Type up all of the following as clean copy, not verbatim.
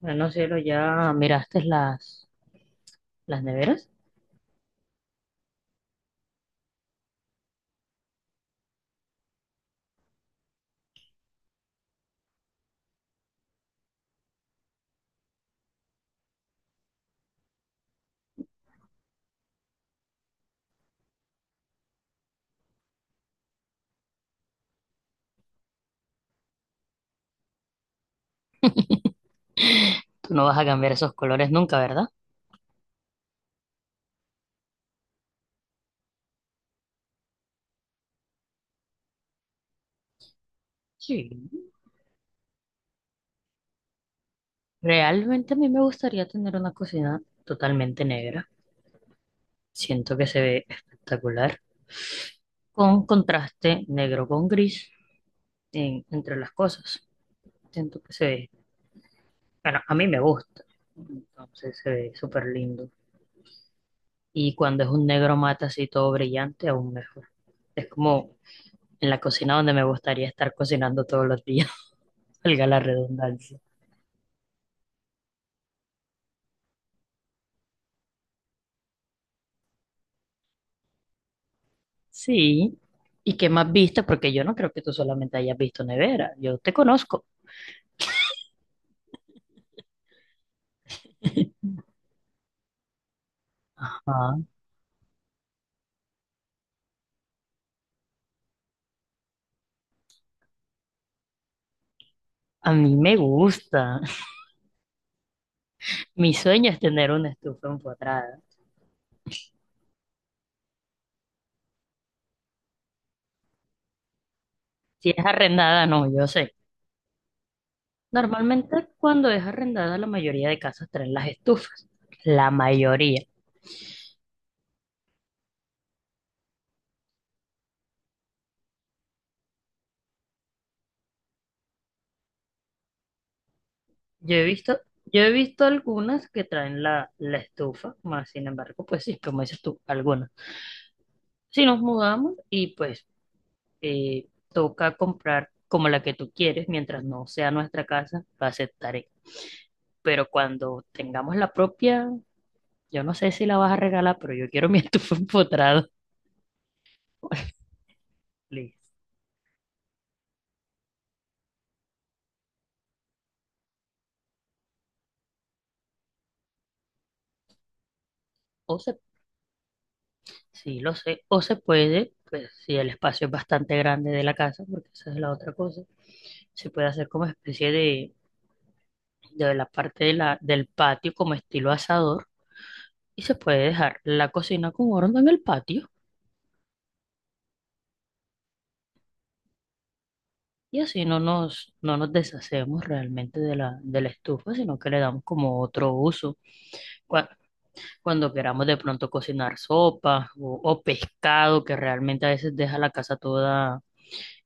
Bueno, no, cielo, ya miraste las neveras. Tú no vas a cambiar esos colores nunca, ¿verdad? Sí. Realmente a mí me gustaría tener una cocina totalmente negra. Siento que se ve espectacular. Con contraste negro con gris entre las cosas. Siento que se ve, bueno, a mí me gusta. Entonces se ve súper lindo. Y cuando es un negro mate así todo brillante, aún mejor. Es como en la cocina donde me gustaría estar cocinando todos los días. Valga la redundancia. Sí. ¿Y qué más viste? Porque yo no creo que tú solamente hayas visto nevera. Yo te conozco. Ajá. A mí me gusta. Mi sueño es tener una estufa empotrada. Si es arrendada, no, yo sé. Normalmente cuando es arrendada, la mayoría de casas traen las estufas. La mayoría. Yo he visto, yo he visto algunas que traen la estufa, más sin embargo, pues sí, como dices tú, algunas. Si nos mudamos y pues toca comprar como la que tú quieres, mientras no sea nuestra casa, la aceptaré. Pero cuando tengamos la propia, yo no sé si la vas a regalar, pero yo quiero mi estufa empotrada. Listo. O se, sí, lo sé, o se puede, pues si el espacio es bastante grande de la casa, porque esa es la otra cosa, se puede hacer como especie de la parte de del patio como estilo asador y se puede dejar la cocina con horno en el patio. Y así no nos deshacemos realmente de de la estufa, sino que le damos como otro uso. Cua- Cuando queramos de pronto cocinar sopa o pescado, que realmente a veces deja la casa toda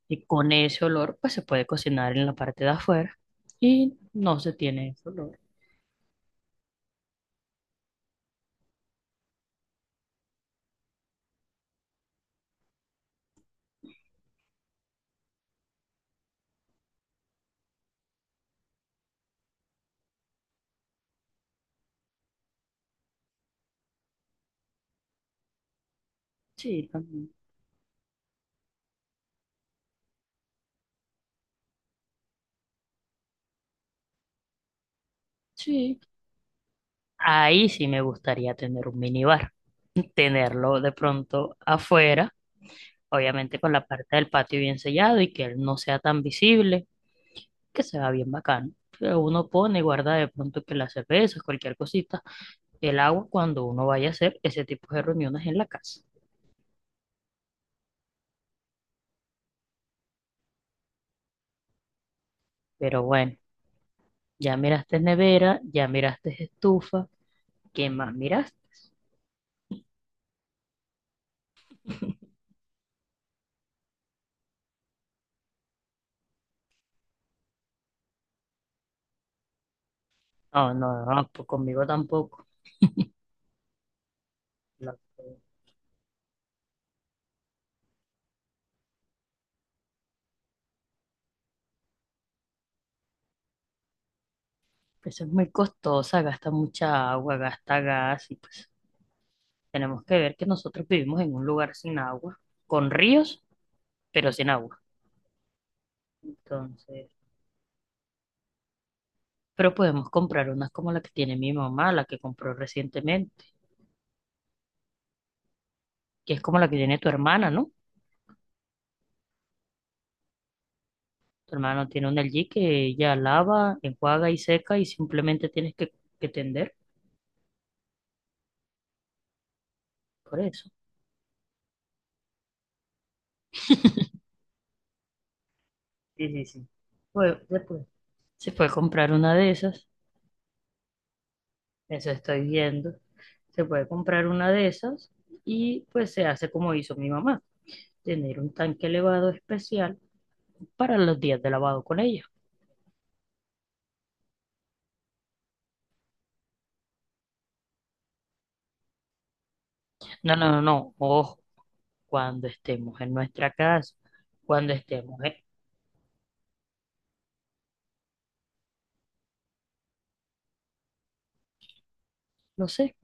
y con ese olor, pues se puede cocinar en la parte de afuera y no se tiene ese olor. Sí, también. Sí. Ahí sí me gustaría tener un minibar, tenerlo de pronto afuera, obviamente con la parte del patio bien sellado y que él no sea tan visible que se va bien bacano. Que uno pone y guarda de pronto que las cervezas, cualquier cosita, el agua cuando uno vaya a hacer ese tipo de reuniones en la casa. Pero bueno, ya miraste nevera, ya miraste estufa, ¿qué más miraste? No, no, no, pues conmigo tampoco. La- Eso es muy costosa, gasta mucha agua, gasta gas y pues tenemos que ver que nosotros vivimos en un lugar sin agua, con ríos, pero sin agua. Entonces, pero podemos comprar unas como la que tiene mi mamá, la que compró recientemente que es como la que tiene tu hermana, ¿no? Tu hermana tiene una LG que ella lava, enjuaga y seca y simplemente tienes que tender por eso. Sí, sí, sí. Pues después se puede comprar una de esas, eso estoy viendo, se puede comprar una de esas y pues se hace como hizo mi mamá, tener un tanque elevado especial para los días de lavado con ella. No, no, no, no, ojo, cuando estemos en nuestra casa, cuando estemos, en- no sé,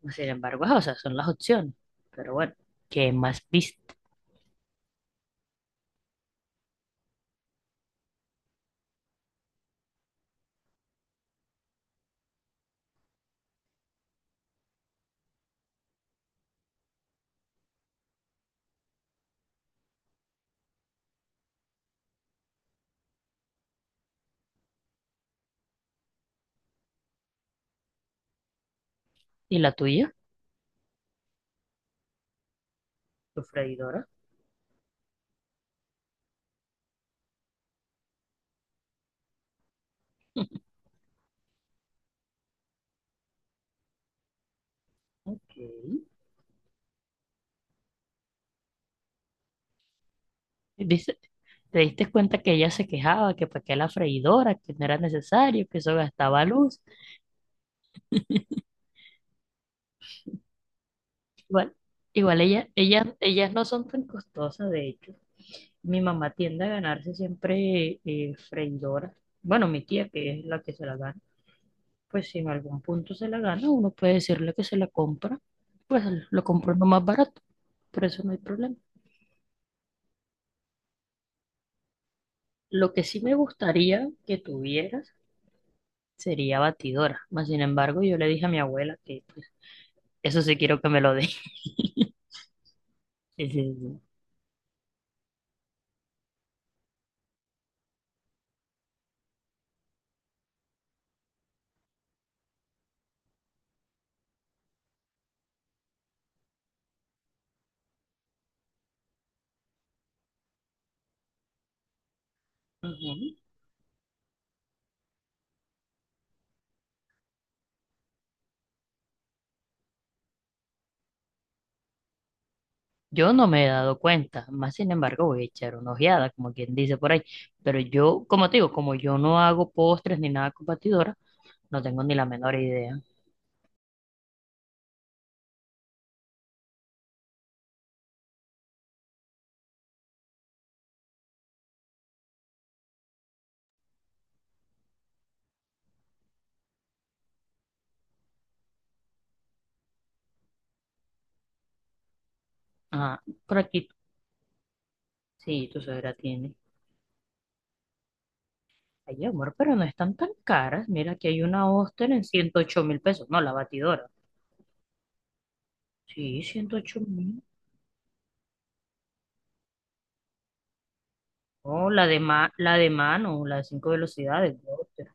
pues, sin embargo, ajá, o sea, son las opciones. Pero bueno, ¿qué más viste? ¿Y la tuya? Tu freidora. Ok. ¿Viste? ¿Te diste cuenta que ella se quejaba que para qué la freidora, que no era necesario, que eso gastaba luz? Igual, igual ellas no son tan costosas, de hecho. Mi mamá tiende a ganarse siempre freidoras. Bueno, mi tía, que es la que se la gana, pues si en algún punto se la gana, uno puede decirle que se la compra, pues lo compró lo más barato, por eso no hay problema. Lo que sí me gustaría que tuvieras sería batidora. Mas, sin embargo, yo le dije a mi abuela que pues, eso sí quiero que me lo dé. Sí, sí, sí. Ujú. Yo no me he dado cuenta, más sin embargo voy a echar una ojeada, como quien dice por ahí. Pero yo, como te digo, como yo no hago postres ni nada con batidora, no tengo ni la menor idea. Ah, por aquí, sí, tu suegra tiene. Ay, amor, pero no están tan caras. Mira, que hay una Oster en $108.000. No, la batidora. Sí, 108.000. No, la de mano, la de 5 velocidades. Gloster.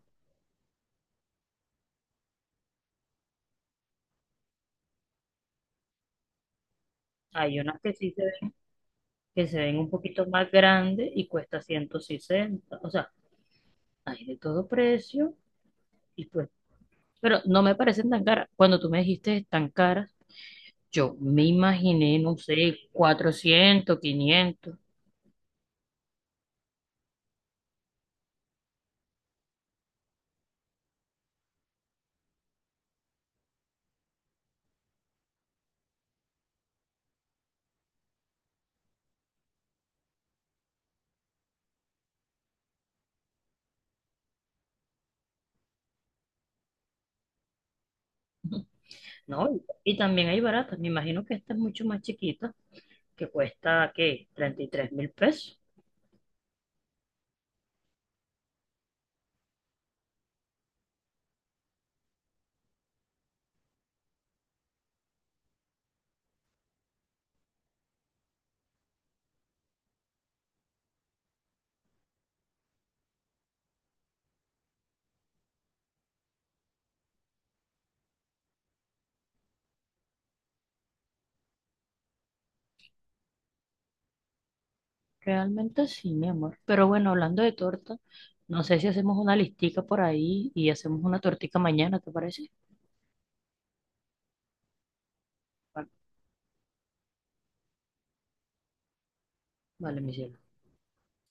Hay unas que sí se ven, que se ven un poquito más grandes y cuesta 160. O sea, hay de todo precio y pues, pero no me parecen tan caras. Cuando tú me dijiste tan caras, yo me imaginé, no sé, 400, 500. No, y también hay baratas. Me imagino que esta es mucho más chiquita, que cuesta, ¿qué? $33.000. Realmente sí, mi amor. Pero bueno, hablando de torta, no sé si hacemos una listica por ahí y hacemos una tortica mañana, ¿te parece? Vale, vale, mi cielo.